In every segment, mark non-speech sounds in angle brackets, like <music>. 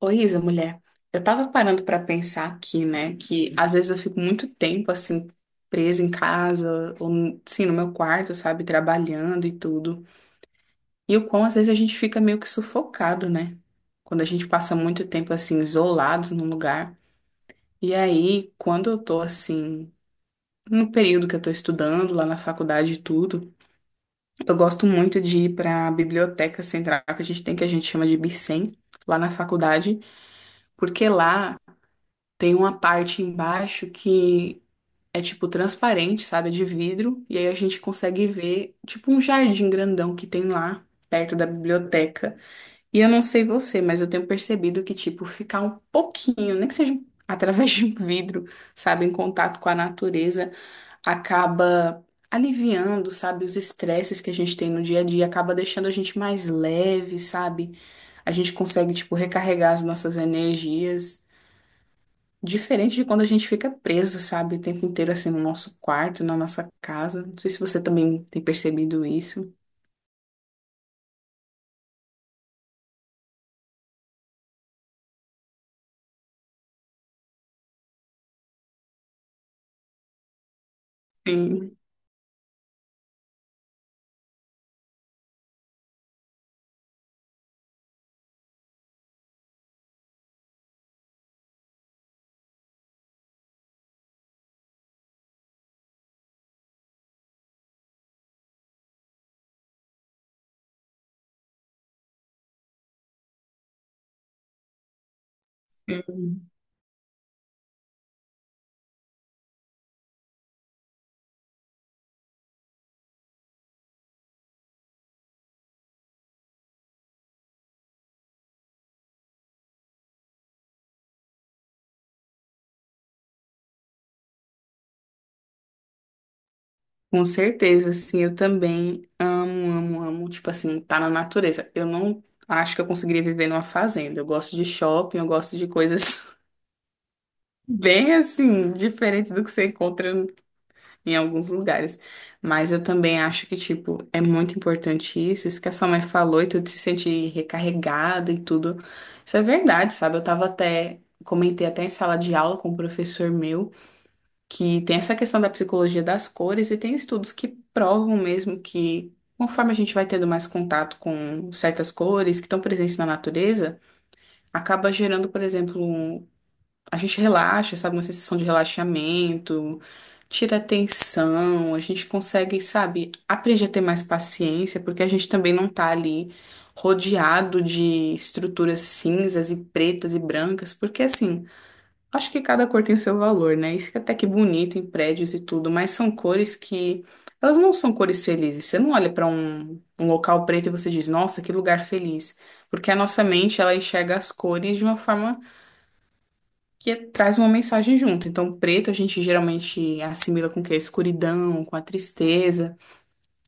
Ô, Isa, mulher, eu tava parando pra pensar aqui, né, que às vezes eu fico muito tempo, assim, presa em casa, ou, sim, no meu quarto, sabe, trabalhando e tudo. E o quão às vezes a gente fica meio que sufocado, né? Quando a gente passa muito tempo, assim, isolado num lugar. E aí, quando eu tô, assim, no período que eu tô estudando, lá na faculdade e tudo, eu gosto muito de ir pra biblioteca central, que a gente tem, que a gente chama de Bicen, lá na faculdade. Porque lá tem uma parte embaixo que é tipo transparente, sabe? É de vidro. E aí a gente consegue ver tipo um jardim grandão que tem lá, perto da biblioteca. E eu não sei você, mas eu tenho percebido que, tipo, ficar um pouquinho, nem que seja <laughs> através de um vidro, sabe? Em contato com a natureza, acaba aliviando, sabe? Os estresses que a gente tem no dia a dia, acaba deixando a gente mais leve, sabe? A gente consegue, tipo, recarregar as nossas energias. Diferente de quando a gente fica preso, sabe, o tempo inteiro assim no nosso quarto, na nossa casa. Não sei se você também tem percebido isso. Sim, sim. Com certeza, assim, eu também amo, amo, amo, tipo assim, tá na natureza. Eu não acho que eu conseguiria viver numa fazenda. Eu gosto de shopping, eu gosto de coisas <laughs> bem assim, diferentes do que você encontra em alguns lugares. Mas eu também acho que, tipo, é muito importante isso que a sua mãe falou, e tudo se sentir recarregada e tudo. Isso é verdade, sabe? Eu tava até, comentei até em sala de aula com um professor meu que tem essa questão da psicologia das cores e tem estudos que provam mesmo que conforme a gente vai tendo mais contato com certas cores que estão presentes na natureza, acaba gerando, por exemplo, a gente relaxa, sabe? Uma sensação de relaxamento, tira a tensão, a gente consegue, sabe, aprender a ter mais paciência, porque a gente também não tá ali rodeado de estruturas cinzas e pretas e brancas, porque assim, acho que cada cor tem o seu valor, né? E fica até que bonito em prédios e tudo, mas são cores que elas não são cores felizes. Você não olha para um local preto e você diz, nossa, que lugar feliz. Porque a nossa mente, ela enxerga as cores de uma forma que traz uma mensagem junto. Então, preto a gente geralmente assimila com o quê? A escuridão, com a tristeza.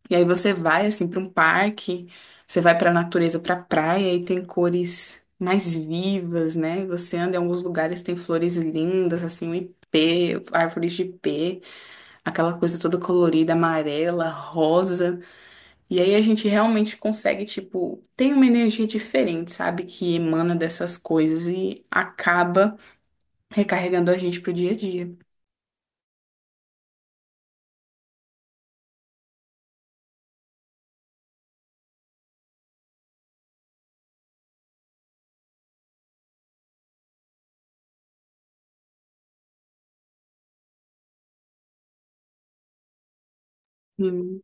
E aí você vai assim para um parque, você vai para a natureza, para a praia e tem cores mais vivas, né? E você anda em alguns lugares, tem flores lindas, assim, o ipê, árvores de ipê, aquela coisa toda colorida, amarela, rosa. E aí a gente realmente consegue, tipo, tem uma energia diferente, sabe? Que emana dessas coisas e acaba recarregando a gente pro dia a dia. Hum,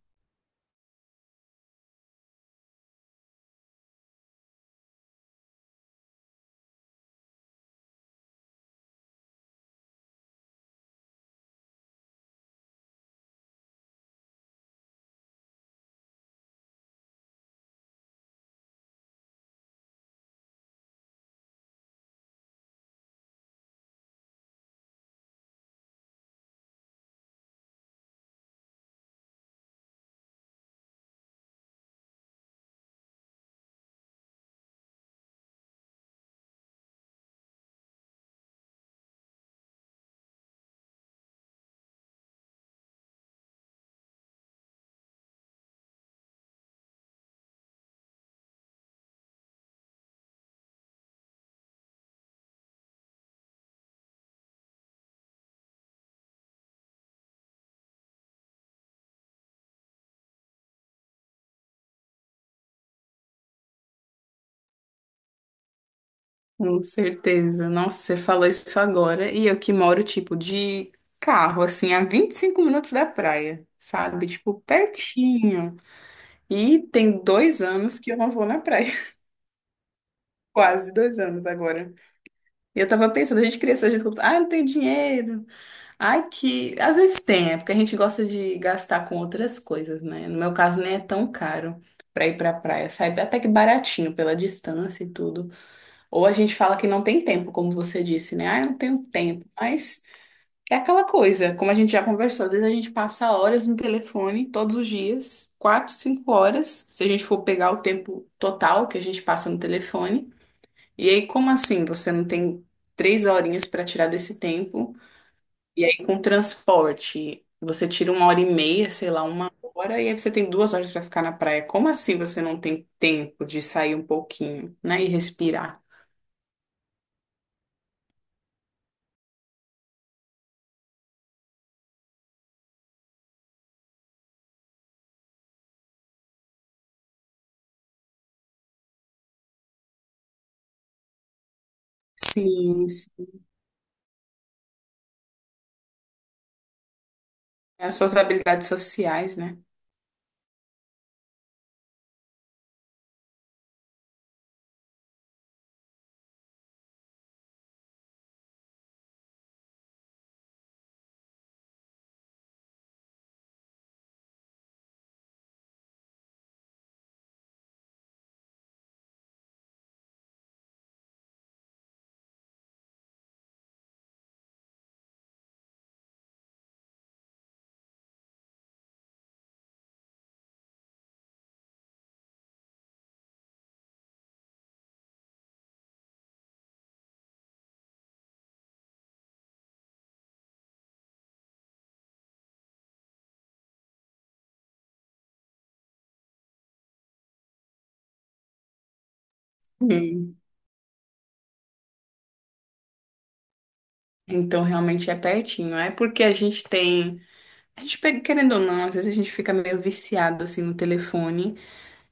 com certeza. Nossa, você falou isso agora. E eu que moro, tipo, de carro, assim, a 25 minutos da praia, sabe? Tipo, pertinho. E tem 2 anos que eu não vou na praia. <laughs> Quase 2 anos agora. E eu tava pensando, a gente cria essas desculpas. Ah, não tem dinheiro. Ai, que. Às vezes tem, é porque a gente gosta de gastar com outras coisas, né? No meu caso, nem é tão caro pra ir pra praia. Sai até que baratinho pela distância e tudo. Ou a gente fala que não tem tempo, como você disse, né? Ah, eu não tenho tempo. Mas é aquela coisa, como a gente já conversou, às vezes a gente passa horas no telefone todos os dias, 4, 5 horas, se a gente for pegar o tempo total que a gente passa no telefone. E aí, como assim? Você não tem 3 horinhas para tirar desse tempo? E aí, com transporte, você tira 1 hora e meia, sei lá, 1 hora, e aí você tem 2 horas para ficar na praia. Como assim você não tem tempo de sair um pouquinho, né? E respirar? Sim, as suas habilidades sociais, né? Hum. Então, realmente é pertinho. É porque a gente tem. A gente pega, querendo ou não, às vezes a gente fica meio viciado assim no telefone.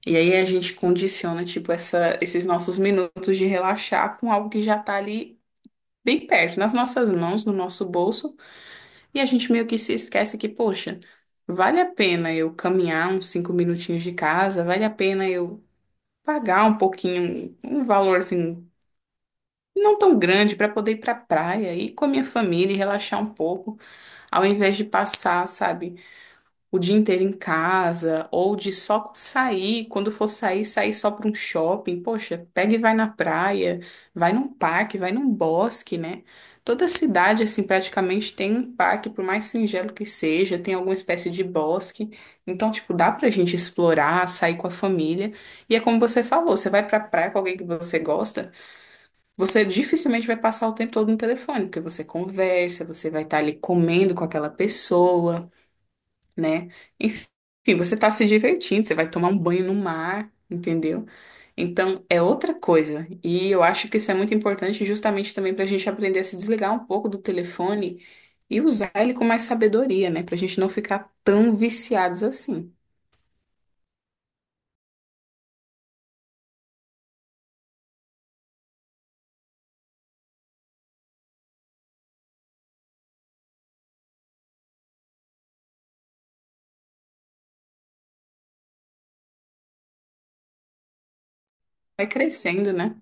E aí a gente condiciona, tipo, esses nossos minutos de relaxar com algo que já tá ali bem perto, nas nossas mãos, no nosso bolso. E a gente meio que se esquece que, poxa, vale a pena eu caminhar uns 5 minutinhos de casa, vale a pena eu pagar um pouquinho, um valor assim não tão grande para poder ir para praia, ir com a minha família e relaxar um pouco, ao invés de passar, sabe, o dia inteiro em casa ou de só sair, quando for sair, sair só para um shopping. Poxa, pega e vai na praia, vai num parque, vai num bosque, né? Toda cidade, assim, praticamente tem um parque, por mais singelo que seja, tem alguma espécie de bosque. Então, tipo, dá pra gente explorar, sair com a família. E é como você falou, você vai pra praia com alguém que você gosta, você dificilmente vai passar o tempo todo no telefone, porque você conversa, você vai estar ali comendo com aquela pessoa, né? Enfim, você está se divertindo, você vai tomar um banho no mar, entendeu? Então, é outra coisa. E eu acho que isso é muito importante justamente também para a gente aprender a se desligar um pouco do telefone e usar ele com mais sabedoria, né? Para a gente não ficar tão viciados assim. Vai crescendo, né?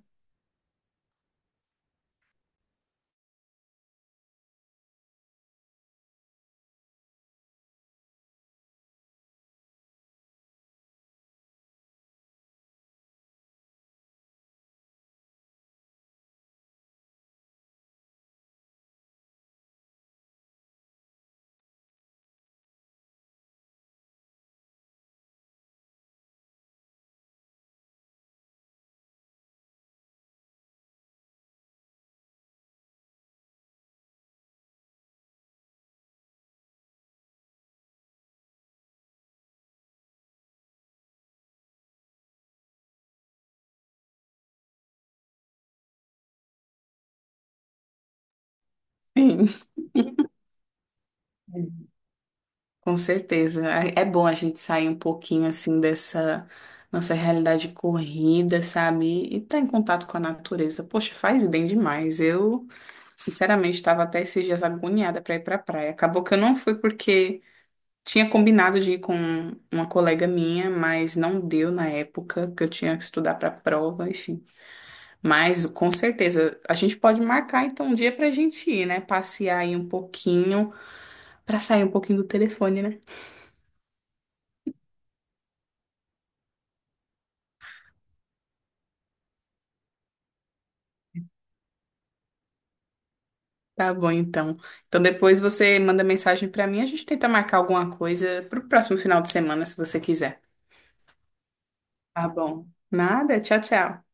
Sim. <laughs> Com certeza. É bom a gente sair um pouquinho assim dessa nossa realidade corrida, sabe? E estar em contato com a natureza. Poxa, faz bem demais. Eu, sinceramente, estava até esses dias agoniada para ir para a praia. Acabou que eu não fui porque tinha combinado de ir com uma colega minha, mas não deu na época que eu tinha que estudar para a prova, enfim. Mas com certeza a gente pode marcar então um dia para a gente ir, né? Passear aí um pouquinho, para sair um pouquinho do telefone, né? Tá bom, então. Então depois você manda mensagem pra mim, a gente tenta marcar alguma coisa pro próximo final de semana, se você quiser. Tá bom. Nada, tchau, tchau.